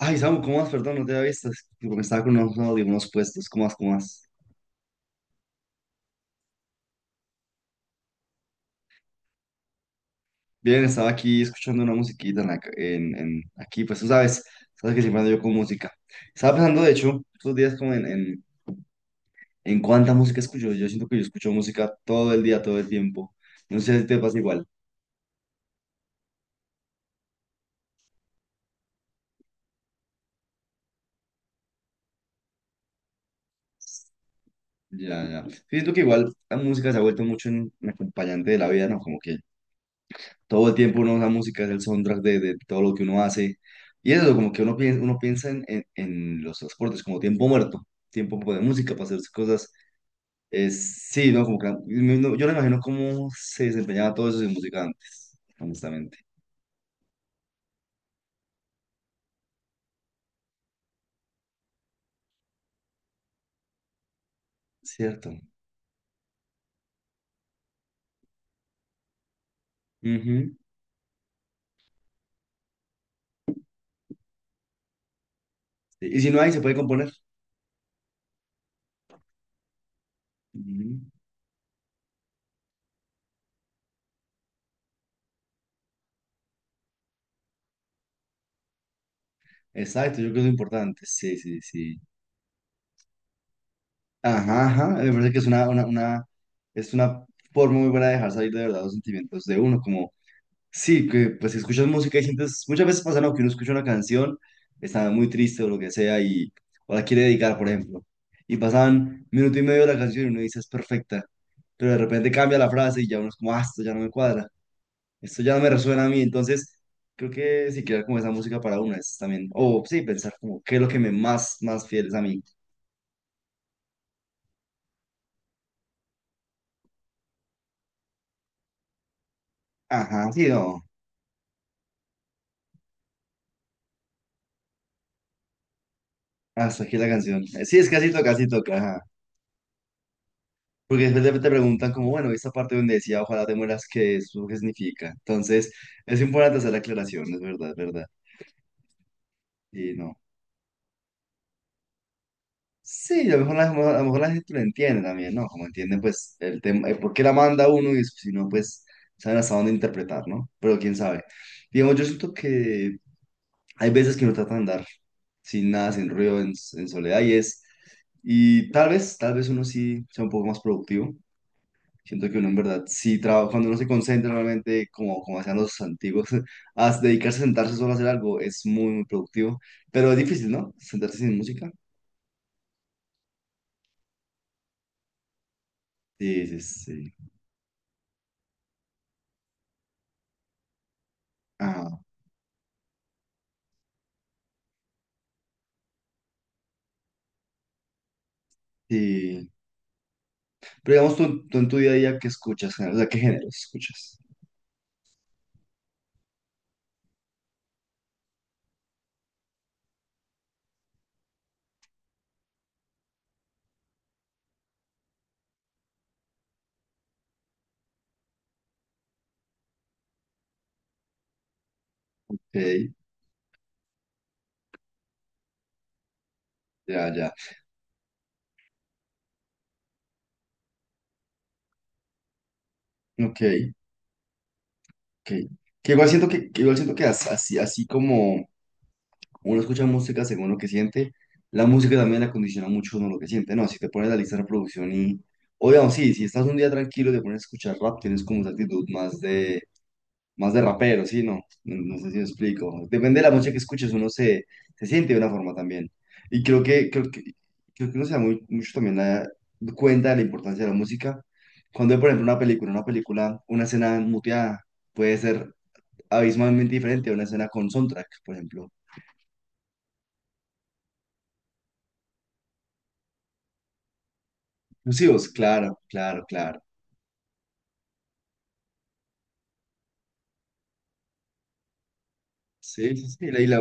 Ay, Samu, ¿cómo vas? Perdón, no te había visto. Es que Me estaba con unos audífonos puestos. ¿Cómo vas? Bien, estaba aquí escuchando una musiquita en, la ca- en- aquí, pues tú sabes, sabes que siempre ando yo con música. Estaba pensando, de hecho, estos días en cuánta música escucho. Yo siento que yo escucho música todo el día, todo el tiempo. No sé si te pasa igual. Ya, ya. Siento que igual la música se ha vuelto mucho un acompañante de la vida, ¿no? Como que todo el tiempo uno, la música es el soundtrack de todo lo que uno hace. Y eso, como que uno piensa en los transportes como tiempo muerto, tiempo de música para hacer cosas. Es, sí, ¿no? Como que, no, yo no imagino cómo se desempeñaba todo eso sin música antes, honestamente. Cierto. Ujú. Sí, y si no hay, se puede componer. Ujú. Exacto, yo creo que es lo importante. Sí, sí, sí. Ajá, ajá. Me parece que es es una forma muy buena de dejar salir de verdad los sentimientos de uno, como sí, que pues si escuchas música y sientes, muchas veces pasa, ¿no? Que uno escucha una canción, está muy triste o lo que sea y o la quiere dedicar, por ejemplo, y pasan minuto y medio de la canción y uno dice es perfecta, pero de repente cambia la frase y ya uno es como, ah, esto ya no me cuadra, esto ya no me resuena a mí, entonces creo que si crear como esa música para una es también, o sí, pensar como qué es lo que me más fiel es a mí. Ajá, sí, no, hasta aquí la canción. Sí, es casi toca, ajá. Porque después te preguntan como, bueno, esta parte donde decía, ojalá te mueras, ¿qué es? ¿Eso qué significa? Entonces, es importante hacer la aclaración, es verdad, es verdad. Y no. Sí, a lo mejor la gente lo entiende también, ¿no? Como entienden, pues, el tema, el por qué la manda uno y si no, pues, saben hasta dónde interpretar, ¿no? Pero quién sabe. Digamos, yo siento que hay veces que uno trata de andar sin nada, sin ruido, en soledad y es, y tal vez uno sí sea un poco más productivo. Siento que uno en verdad sí trabaja, cuando uno se concentra realmente, como, como hacían los antiguos, a dedicarse a sentarse solo a hacer algo es muy, muy productivo, pero es difícil, ¿no? Sentarse sin música. Sí, sí, sí. Ah, sí. Pero digamos, tú en tu día a día, ¿qué escuchas? O sea, ¿qué géneros escuchas? Ok, ya, ya. Ok, ok. Que igual siento que igual siento que así, así como uno escucha música según lo que siente. La música también la condiciona mucho uno lo que siente, ¿no? Si te pones la lista de reproducción y... O digamos, sí, si estás un día tranquilo y te pones a escuchar rap, tienes como esa actitud más de... Más de rapero, ¿sí? No, no, no sé si me explico. Depende de la música que escuches, se siente de una forma también. Y creo que uno se da muy, mucho también cuenta de la importancia de la música. Cuando ve, por ejemplo, una película, una escena muteada puede ser abismalmente diferente a una escena con soundtrack, por ejemplo. Inclusivos, claro, claro, claro. Sí, sí, sí, leí la...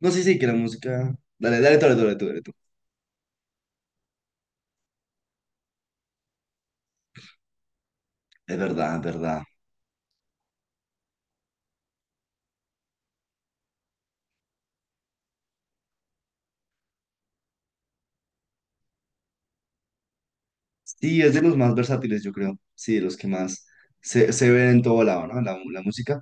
No, sí, sí, que la música... Dale, dale, dale, dale, tú, dale tú. Es verdad, es verdad. Sí, es de los más versátiles, yo creo. Sí, de los que más se ven en todo lado, ¿no? La música.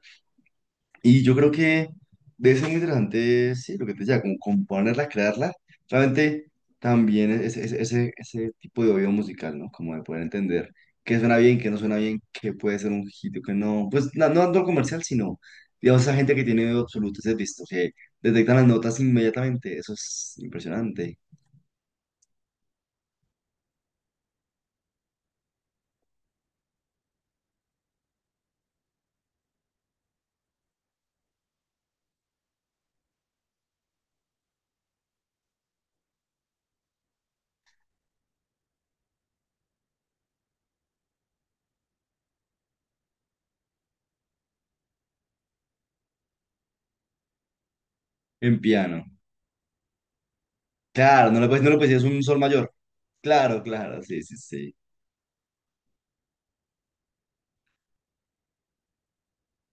Y yo creo que debe ser muy interesante, sí, lo que te decía, como componerla, crearla. Realmente también ese, ese tipo de oído musical, ¿no? Como de poder entender qué suena bien, qué no suena bien, qué puede ser un hit y qué no. Pues no, no tanto comercial, sino, digamos, esa gente que tiene oído absoluto, ese visto, que detectan las notas inmediatamente. Eso es impresionante. En piano. Claro, no le puedes decir es un sol mayor. Claro, claro, sí, sí, sí.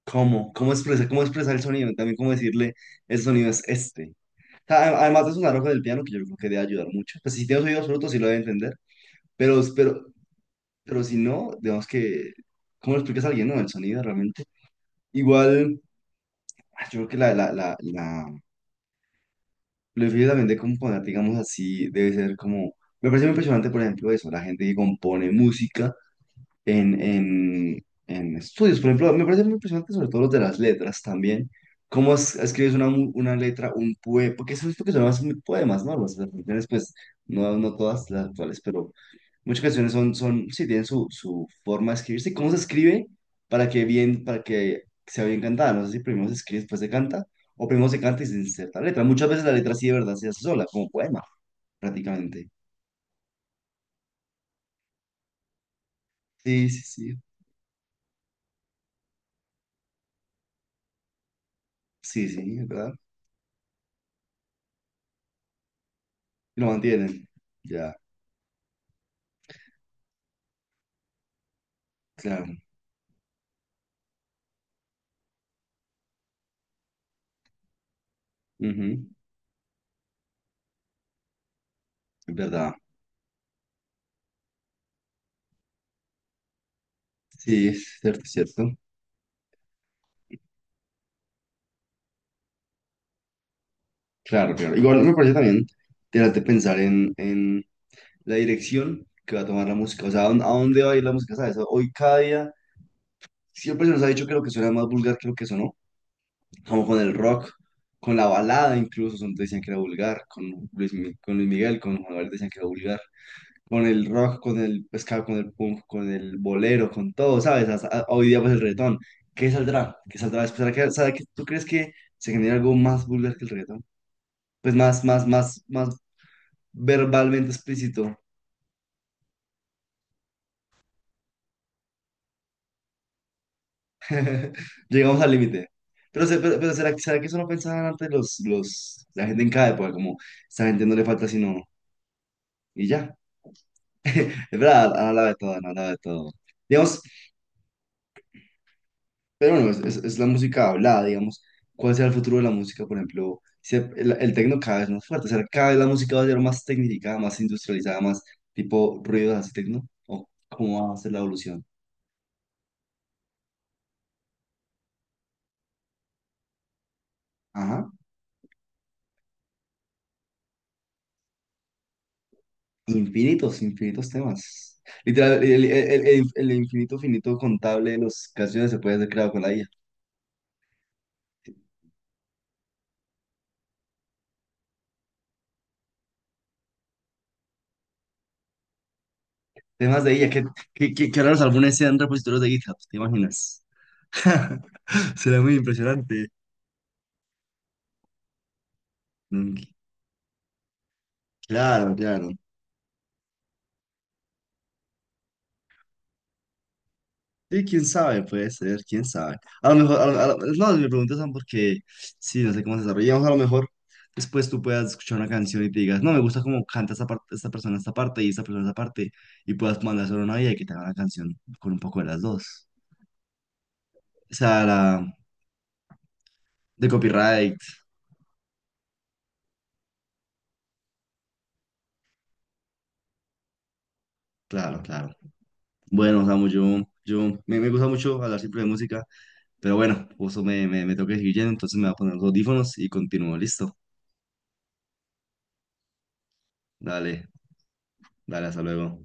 ¿Cómo? Cómo expresar el sonido? También cómo decirle, el sonido es este. O sea, además de sonar ojo del piano, que yo creo que debe ayudar mucho. Pues si tienes oídos frutos, sí lo debe entender. Pero, pero, pero si no, digamos que, ¿cómo lo explicas a alguien, no? El sonido realmente. Igual, ah, yo creo que lo difícil también de componer, digamos así, debe ser como... Me parece muy impresionante, por ejemplo, eso, la gente que compone música en estudios. Por ejemplo, me parece muy impresionante sobre todo los de las letras también. Cómo escribes una, una letra, un poema, porque eso es lo que son más muy poemas, ¿no? Las canciones, pues, no, no todas las actuales, pero muchas canciones sí, tienen su, su forma de escribirse. ¿Cómo se escribe para que bien, para que sea bien cantada? No sé si primero se escribe, después se canta, o primero se canta y se inserta la letra. Muchas veces la letra sí de verdad se hace sola, como poema, prácticamente. Sí, sí, sí. Sí, sí, es ¿verdad? Y lo mantienen. Ya, claro. Ujú, es verdad. Sí, sí, es cierto, es cierto. Claro, claro. Igual me parece también interesante pensar en la dirección que va a tomar la música. O sea, a dónde va a ir la música? ¿Sabes? Hoy cada día siempre se nos ha dicho que lo que suena es más vulgar que lo que sonó. Como con el rock, con la balada incluso, son, decían que era vulgar. Con con Luis Miguel, con Juan Gabriel decían que era vulgar. Con el rock, con el pescado, con el punk, con el bolero, con todo, ¿sabes? Hasta ah, hoy día pues el reggaetón. ¿Qué saldrá? ¿Qué saldrá después? Será que tú crees que se genera algo más vulgar que el reggaetón? Pues más verbalmente explícito. Llegamos al límite. Pero, pero ¿será, será que eso no pensaban antes los, la gente en cada época? Como, esta gente no le falta sino... Y ya. Es verdad, a la de todo, a la de todo. Digamos, pero bueno, es la música hablada, digamos. ¿Cuál será el futuro de la música? Por ejemplo, si el, el tecno cada vez más fuerte, o sea, cada vez la música va a ser más tecnificada, más industrializada, más tipo ruidos así tecno. ¿O cómo va a ser la evolución? Ajá. Infinitos, infinitos temas. Literal, el infinito finito contable de las canciones se puede hacer creado con la IA. Temas de IA, que ahora los álbumes sean repositorios de GitHub, ¿te imaginas? Será muy impresionante. Mm, claro, claro. Sí, quién sabe, puede ser, quién sabe. A lo mejor, no, me preguntas Sam, porque sí, no sé cómo se desarrollamos. A lo mejor después tú puedas escuchar una canción y te digas, no, me gusta cómo canta esta parte, esta persona esta parte y esta persona esta parte, y puedas mandar solo una y que te haga una canción con un poco de las dos. O sea, la, de copyright, claro, claro. Bueno, Samu, me gusta mucho hablar siempre de música, pero bueno, justo me tengo que seguir yendo, entonces me voy a poner los audífonos y continúo, listo. Dale, dale, hasta luego.